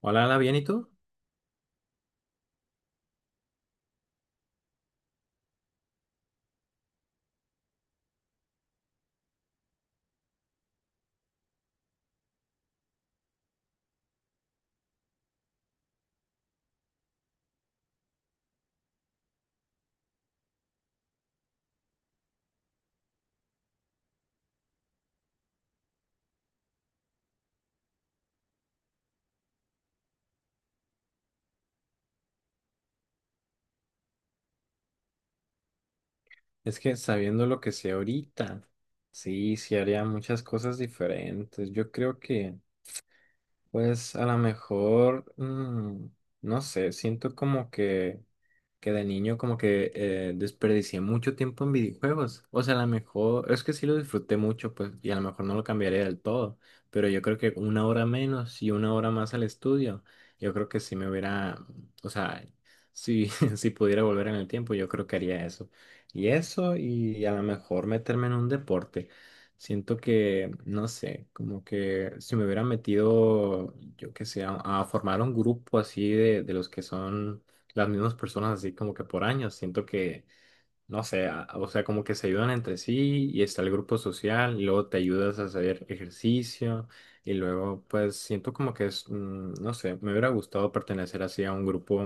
Hola, Ana, ¿bien y tú? Es que sabiendo lo que sé ahorita, sí, sí haría muchas cosas diferentes. Yo creo que, pues, a lo mejor, no sé, siento como que de niño como que desperdicié mucho tiempo en videojuegos. O sea, a lo mejor, es que sí lo disfruté mucho, pues, y a lo mejor no lo cambiaría del todo, pero yo creo que una hora menos y una hora más al estudio, yo creo que sí me hubiera, o sea, si, si pudiera volver en el tiempo, yo creo que haría eso. Y eso, y a lo mejor meterme en un deporte. Siento que, no sé, como que si me hubiera metido, yo qué sé, a, formar un grupo así de, los que son las mismas personas así como que por años. Siento que no sé, o sea, como que se ayudan entre sí y está el grupo social y luego te ayudas a hacer ejercicio y luego pues siento como que es, no sé, me hubiera gustado pertenecer así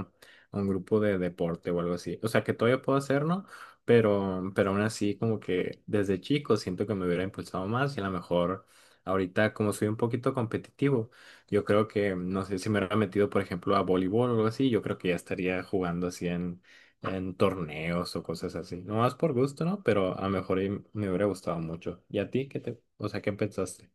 a un grupo de deporte o algo así. O sea, que todavía puedo hacerlo, pero aún así como que desde chico siento que me hubiera impulsado más y a lo mejor ahorita como soy un poquito competitivo, yo creo que, no sé, si me hubiera metido por ejemplo a voleibol o algo así, yo creo que ya estaría jugando así en torneos o cosas así. No más por gusto, ¿no? Pero a lo mejor y me hubiera gustado mucho. ¿Y a ti qué te, o sea, qué pensaste?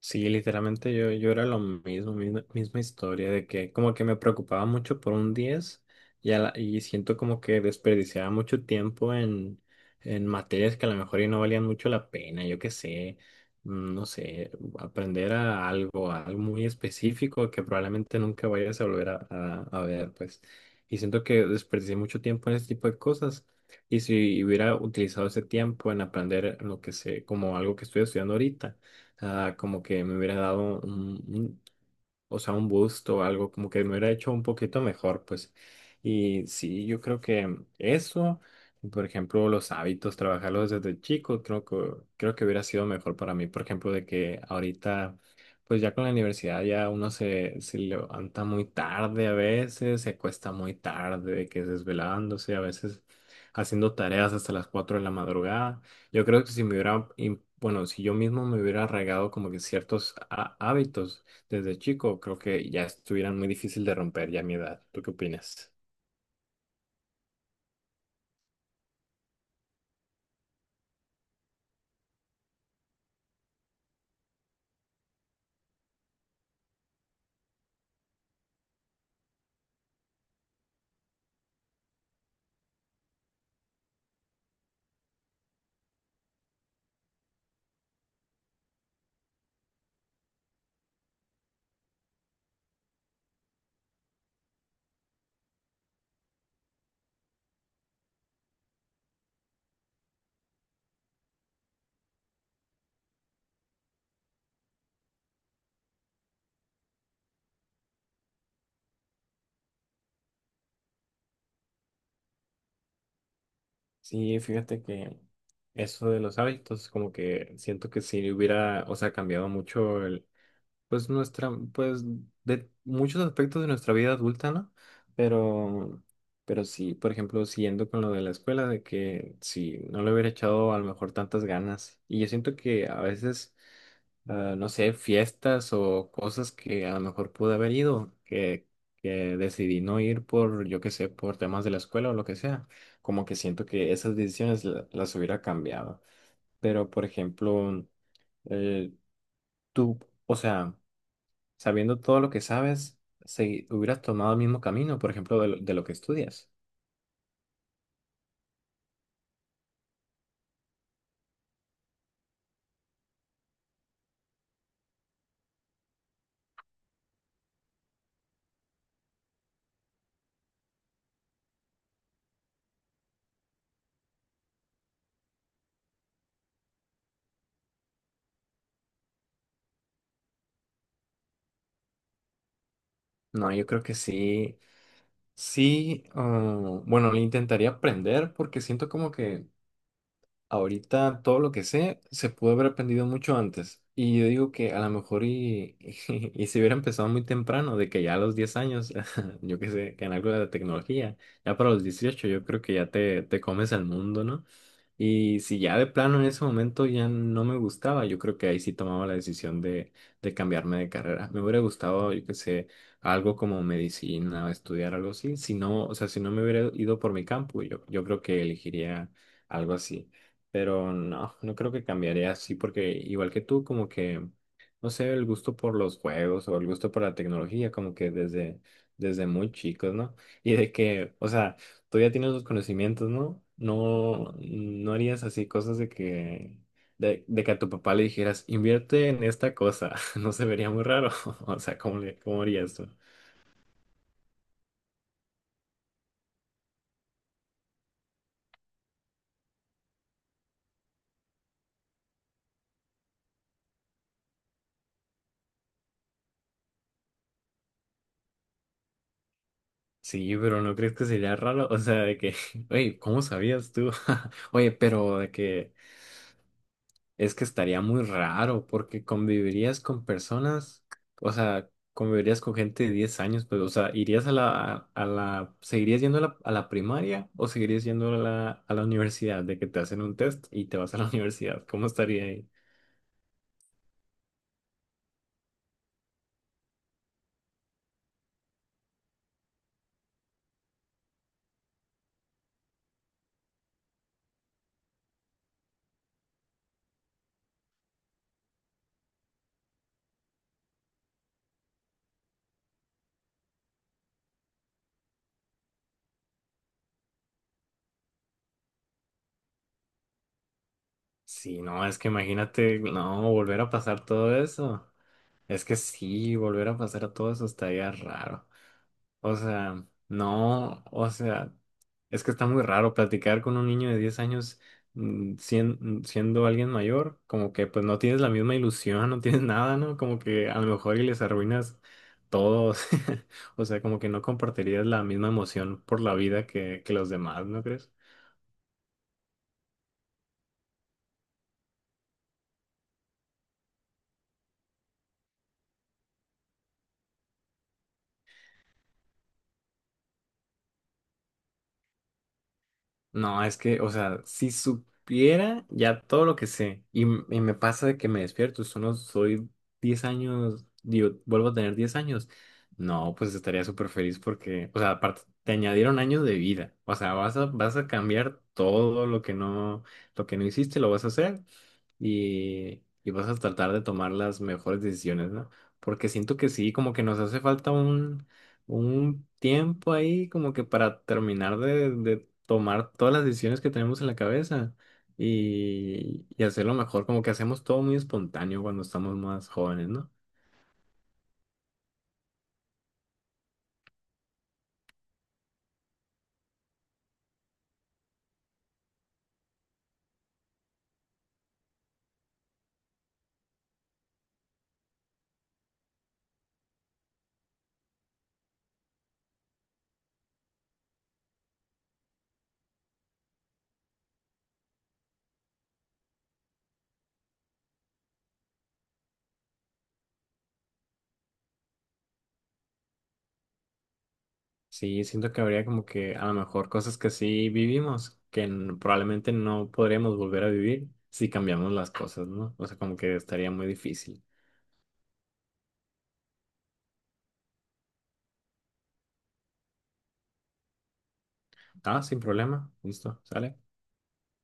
Sí, literalmente yo, yo era lo mismo, misma, misma historia, de que como que me preocupaba mucho por un 10 y, y siento como que desperdiciaba mucho tiempo en, materias que a lo mejor y no valían mucho la pena, yo qué sé, no sé, aprender a algo muy específico que probablemente nunca vayas a volver a, a ver, pues. Y siento que desperdicié mucho tiempo en ese tipo de cosas. Y si hubiera utilizado ese tiempo en aprender lo que sé, como algo que estoy estudiando ahorita sea, como que me hubiera dado un, o sea, un busto o algo, como que me hubiera hecho un poquito mejor, pues. Y sí, yo creo que eso, por ejemplo, los hábitos, trabajarlos desde chico, creo que hubiera sido mejor para mí, por ejemplo, de que ahorita, pues ya con la universidad ya uno se, se levanta muy tarde a veces, se cuesta muy tarde, de que desvelándose, a veces haciendo tareas hasta las 4 de la madrugada. Yo creo que si me hubiera, bueno, si yo mismo me hubiera arraigado como que ciertos hábitos, desde chico, creo que ya estuvieran muy difícil de romper ya a mi edad. ¿Tú qué opinas? Sí, fíjate que eso de los hábitos, como que siento que sí hubiera, o sea, cambiado mucho el, pues nuestra, pues de muchos aspectos de nuestra vida adulta, ¿no? Pero, pero sí, por ejemplo, siguiendo con lo de la escuela, de que si no le hubiera echado a lo mejor tantas ganas. Y yo siento que a veces ah, no sé, fiestas o cosas que a lo mejor pude haber ido, que, decidí no ir por, yo qué sé, por temas de la escuela o lo que sea. Como que siento que esas decisiones las hubiera cambiado. Pero, por ejemplo, eh, tú, o sea, sabiendo todo lo que sabes, si hubieras tomado el mismo camino, por ejemplo, de, de lo que estudias. No, yo creo que sí, sí, ah, bueno, lo intentaría aprender porque siento como que ahorita todo lo que sé se pudo haber aprendido mucho antes. Y yo digo que a lo mejor y, y, se hubiera empezado muy temprano, de que ya a los 10 años, yo qué sé, que en algo de la tecnología, ya para los 18 yo creo que ya te, comes al mundo, ¿no? Y si ya de plano en ese momento ya no me gustaba, yo creo que ahí sí tomaba la decisión de, cambiarme de carrera. Me hubiera gustado, yo qué sé, algo como medicina, estudiar algo así. Si no, o sea, si no me hubiera ido por mi campo, yo creo que elegiría algo así. Pero no, no creo que cambiaría así porque igual que tú, como que, no sé, el gusto por los juegos o el gusto por la tecnología, como que desde, muy chicos, ¿no? Y de que, o sea, tú ya tienes los conocimientos, ¿no? No, no harías así cosas de que, de, que a tu papá le dijeras, invierte en esta cosa, no se vería muy raro, o sea, ¿cómo le, cómo harías tú? Sí, pero ¿no crees que sería raro? O sea, de que, oye, ¿cómo sabías tú? Oye, pero de que... Es que estaría muy raro porque convivirías con personas, o sea, convivirías con gente de 10 años, pero, o sea, irías a la, ¿seguirías yendo a la, primaria o seguirías yendo a la, universidad? De que te hacen un test y te vas a la universidad. ¿Cómo estaría ahí? Sí, no, es que imagínate, no, volver a pasar todo eso. Es que sí, volver a pasar todo eso estaría raro. O sea, no, o sea, es que está muy raro platicar con un niño de 10 años siendo alguien mayor, como que pues no tienes la misma ilusión, no tienes nada, ¿no? Como que a lo mejor y les arruinas todo, o sea, como que no compartirías la misma emoción por la vida que, los demás, ¿no crees? No, es que, o sea, si supiera ya todo lo que sé y, y me pasa de que me despierto, solo soy 10 años, digo, vuelvo a tener 10 años, no, pues estaría súper feliz porque, o sea, aparte, te añadieron años de vida, o sea, vas a, cambiar todo lo que no hiciste, lo vas a hacer y, vas a tratar de tomar las mejores decisiones, ¿no? Porque siento que sí, como que nos hace falta un, tiempo ahí, como que para terminar de, tomar todas las decisiones que tenemos en la cabeza y, hacerlo mejor, como que hacemos todo muy espontáneo cuando estamos más jóvenes, ¿no? Sí, siento que habría como que a lo mejor cosas que sí vivimos, que probablemente no podríamos volver a vivir si cambiamos las cosas, ¿no? O sea, como que estaría muy difícil. Ah, sin problema, listo, sale.